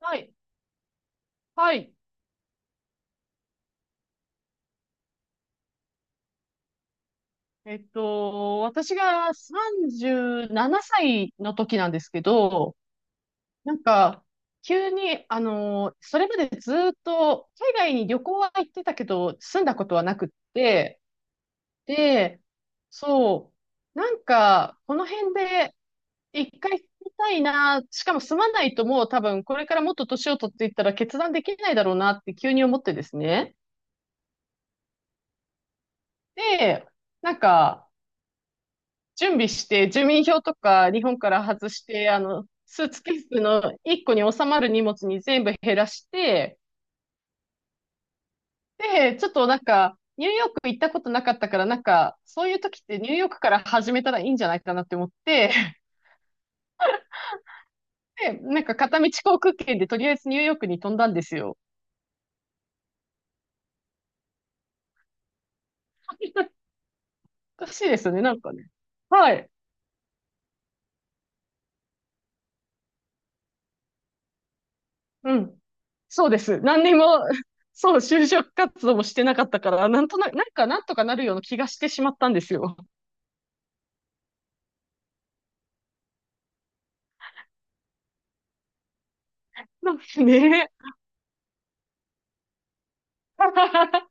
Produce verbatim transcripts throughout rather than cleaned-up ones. はい。はい。えっと、私がさんじゅうななさいの時なんですけど、なんか、急に、あの、それまでずっと海外に旅行は行ってたけど、住んだことはなくって、で、そう、なんか、この辺で一回住みたいな、しかも住まないともう多分これからもっと年を取っていったら決断できないだろうなって急に思ってですね。で、なんか、準備して、住民票とか日本から外して、あの、スーツケースのいっこに収まる荷物に全部減らして、で、ちょっとなんか、ニューヨーク行ったことなかったから、なんか、そういう時ってニューヨークから始めたらいいんじゃないかなって思って、で、なんか片道航空券でとりあえずニューヨークに飛んだんですよ。おかしいですよね、なんかね。はい。うん。そうです。何にも、そう、就職活動もしてなかったから、なんとなく、なんかなんとかなるような気がしてしまったんですよ。なんかね。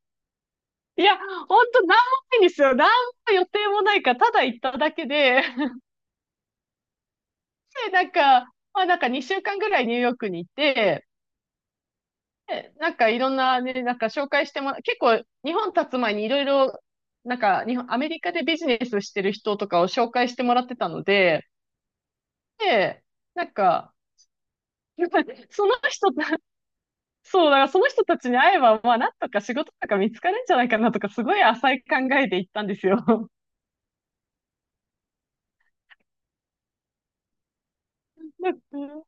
いや、ほんと、なんもないんですよ。なんも予定もないから、ただ行っただけで、で、なんか、まあなんかにしゅうかんぐらいニューヨークに行って、でなんかいろんなね、なんか紹介してもら、結構日本立つ前にいろいろ、なんか日本、アメリカでビジネスしてる人とかを紹介してもらってたので、で、なんか、その人た、そう、だからその人たちに会えば、まあなんとか仕事とか見つかるんじゃないかなとか、すごい浅い考えで行ったんですよ。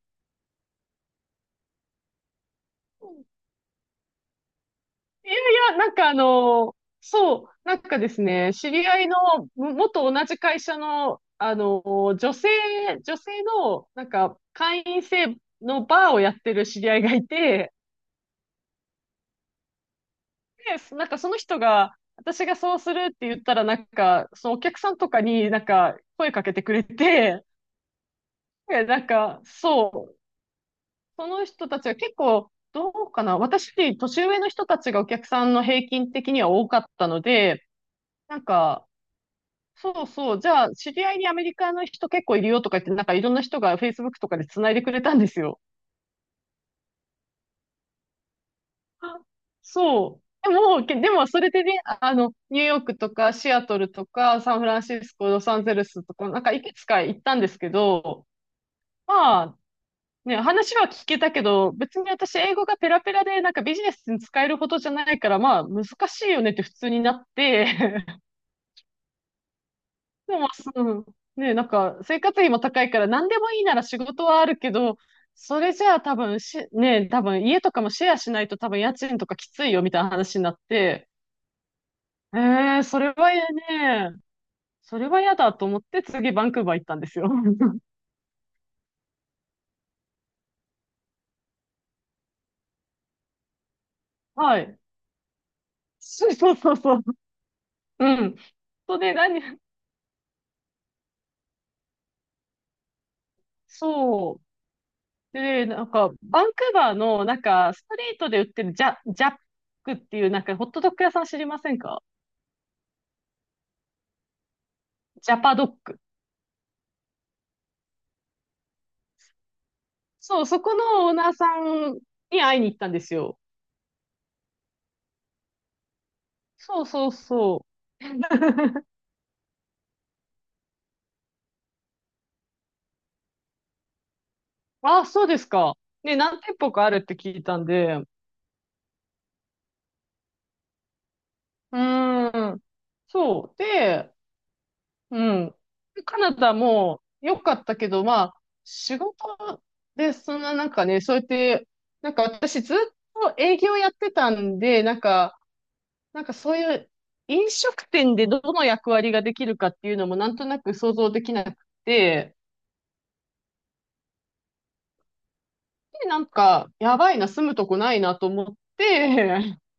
あなんかあの、そう、なんかですね、知り合いの、も元同じ会社の、あの、女性、女性の、なんか、会員制のバーをやってる知り合いがいて、で、なんかその人が、私がそうするって言ったら、なんか、そのお客さんとかになんか、声かけてくれて、で、なんか、そう、その人たちは結構、どうかな、私より年上の人たちがお客さんの平均的には多かったので、なんか、そうそう。じゃあ、知り合いにアメリカの人結構いるよとか言って、なんかいろんな人が Facebook とかで繋いでくれたんですよ。そう。でも、けでもそれでね、あの、ニューヨークとかシアトルとかサンフランシスコ、ロサンゼルスとか、なんかいくつか行ったんですけど、まあ、ね、話は聞けたけど、別に私英語がペラペラで、なんかビジネスに使えるほどじゃないから、まあ、難しいよねって普通になって、でも、そう、ね、なんか、生活費も高いから、何でもいいなら仕事はあるけど、それじゃあ多分し、ね、多分家とかもシェアしないと多分家賃とかきついよみたいな話になって、ええそれはね、それは嫌だと思って次バンクーバー行ったんですよ。はい。そうそうそうそう。うん。そうで、何、そう。で、なんか、バンクーバーの、なんか、ストリートで売ってるジャ、ジャックっていう、なんか、ホットドッグ屋さん知りませんか？ジャパドッグ。そう、そこのオーナーさんに会いに行ったんですよ。そうそうそう。ああ、そうですか。ね、何店舗かあるって聞いたんで。うーん。そう。で、うん。カナダも良かったけど、まあ、仕事で、そんななんかね、そうやって、なんか私ずっと営業やってたんで、なんか、なんかそういう飲食店でどの役割ができるかっていうのもなんとなく想像できなくて、でなんか、やばいな、住むとこないなと思って、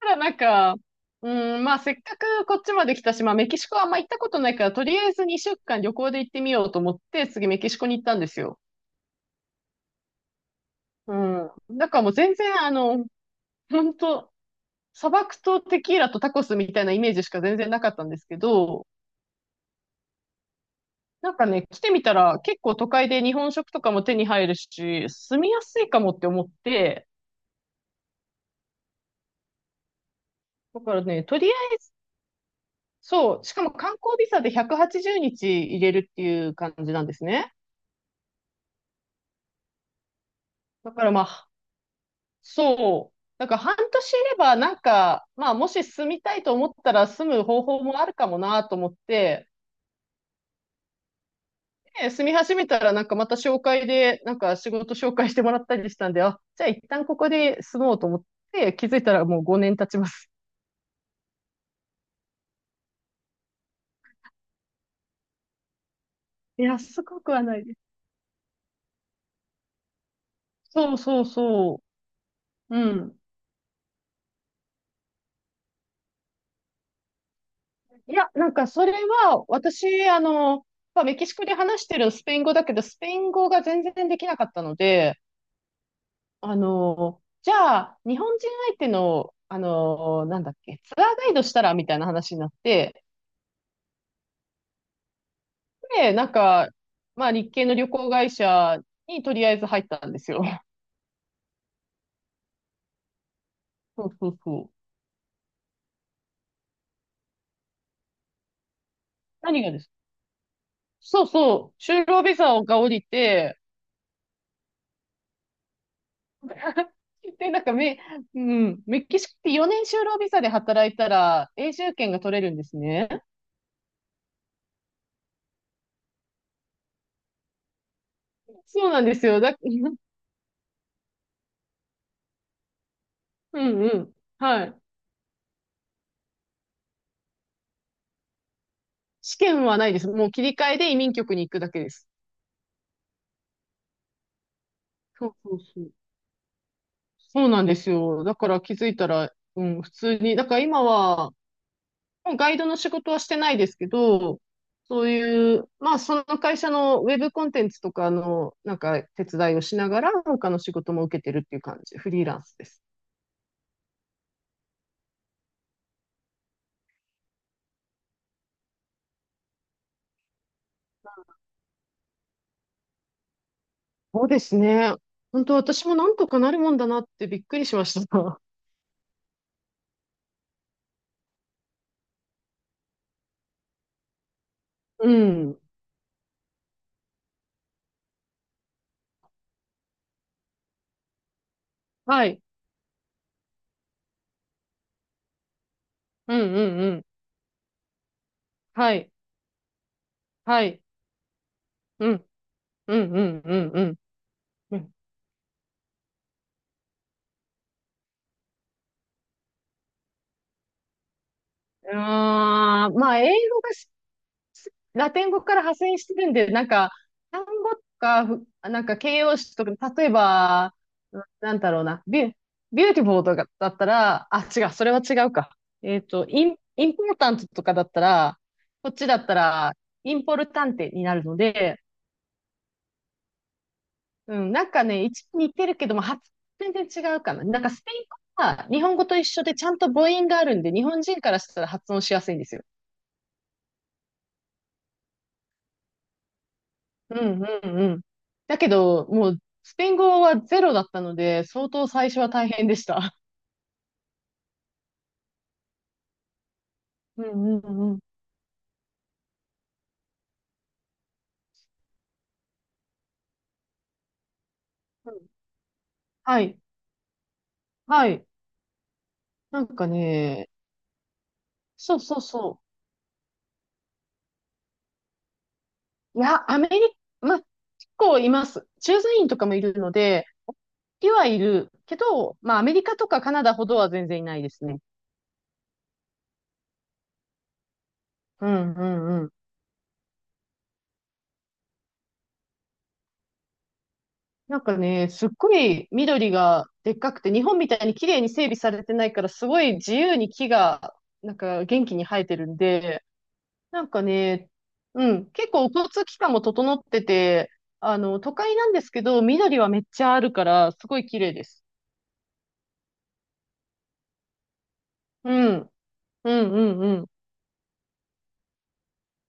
ただなんか、うん、まあせっかくこっちまで来たし、まあメキシコはあんま行ったことないから、とりあえずにしゅうかん旅行で行ってみようと思って、次メキシコに行ったんですよ。うん。だからもう全然あの、本当砂漠とテキーラとタコスみたいなイメージしか全然なかったんですけど、なんかね、来てみたら結構都会で日本食とかも手に入るし、住みやすいかもって思って、だからね、とりそう。しかも観光ビザでひゃくはちじゅうにち入れるっていう感じなんですね。だからまあ、そう。だから半年いればなんか、まあもし住みたいと思ったら住む方法もあるかもなと思って、ね住み始めたらなんかまた紹介で、なんか仕事紹介してもらったりしたんで、あ、じゃあ一旦ここで住もうと思って、気づいたらもうごねん経ちます。いや、すごくはないです。そうそうそう。うん。いや、なんかそれは、私、あの、まあ、メキシコで話してるスペイン語だけど、スペイン語が全然できなかったので、あの、じゃあ、日本人相手の、あの、なんだっけ、ツアーガイドしたらみたいな話になって、で、なんか、まあ、日系の旅行会社にとりあえず入ったんですよ。そうそうそう。何がです？そうそう、就労ビザが降りて、で、なんかメ、うん、メキシコってよねん就労ビザで働いたら永住権が取れるんですね。そうなんですよ。だ、うんうん。はい。試験はないです。もう切り替えで移民局に行くだけです。そうそうそう。そうなんですよ。だから気づいたら、うん、普通に、だから今は、もうガイドの仕事はしてないですけど、そういう、まあその会社のウェブコンテンツとかの、なんか手伝いをしながら、他の仕事も受けてるっていう感じ、フリーランスです。そうですね。本当私もなんとかなるもんだなってびっくりしました。うん。はい。うんうんうん。はい。はい。うん。うんうんうんうん。うん、あー、まあ、英語がし、ラテン語から派生してるんで、なんか、単語とか、ふなんか形容詞とか、例えば、うんなんだろうな、ビュ、ビューティフォーとかだったら、あ、違う、それは違うか。えっと、イン、インポータントとかだったら、こっちだったら、インポルタンテになるので、うん、なんかね、一似てるけども、発音全然違うかな。なんかスペイン語は日本語と一緒でちゃんと母音があるんで、日本人からしたら発音しやすいんですよ。うんうんうん。だけど、もうスペイン語はゼロだったので、相当最初は大変でした。うんうんうんうん。はい。はい。なんかね、そうそうそう。いや、アメリカ、まあ、結構います。駐在員とかもいるので、いはいるけど、まあ、アメリカとかカナダほどは全然いないですね。うんうんうん。なんかね、すっごい緑がでっかくて、日本みたいに綺麗に整備されてないから、すごい自由に木が、なんか元気に生えてるんで、なんかね、うん、結構交通機関も整ってて、あの、都会なんですけど、緑はめっちゃあるから、すごい綺麗です。うん、うん、うん、うん、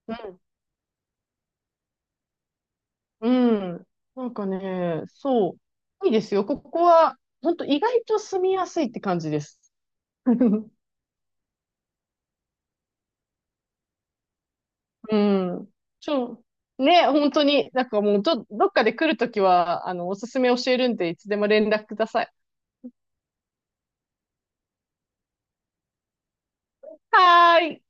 うん、うん。なんかね、そう、いいですよ。ここは、本当意外と住みやすいって感じです。うん。ちょ、ね、本当に、なんかもう、ど、どっかで来るときは、あの、おすすめ教えるんで、いつでも連絡ください。はーい。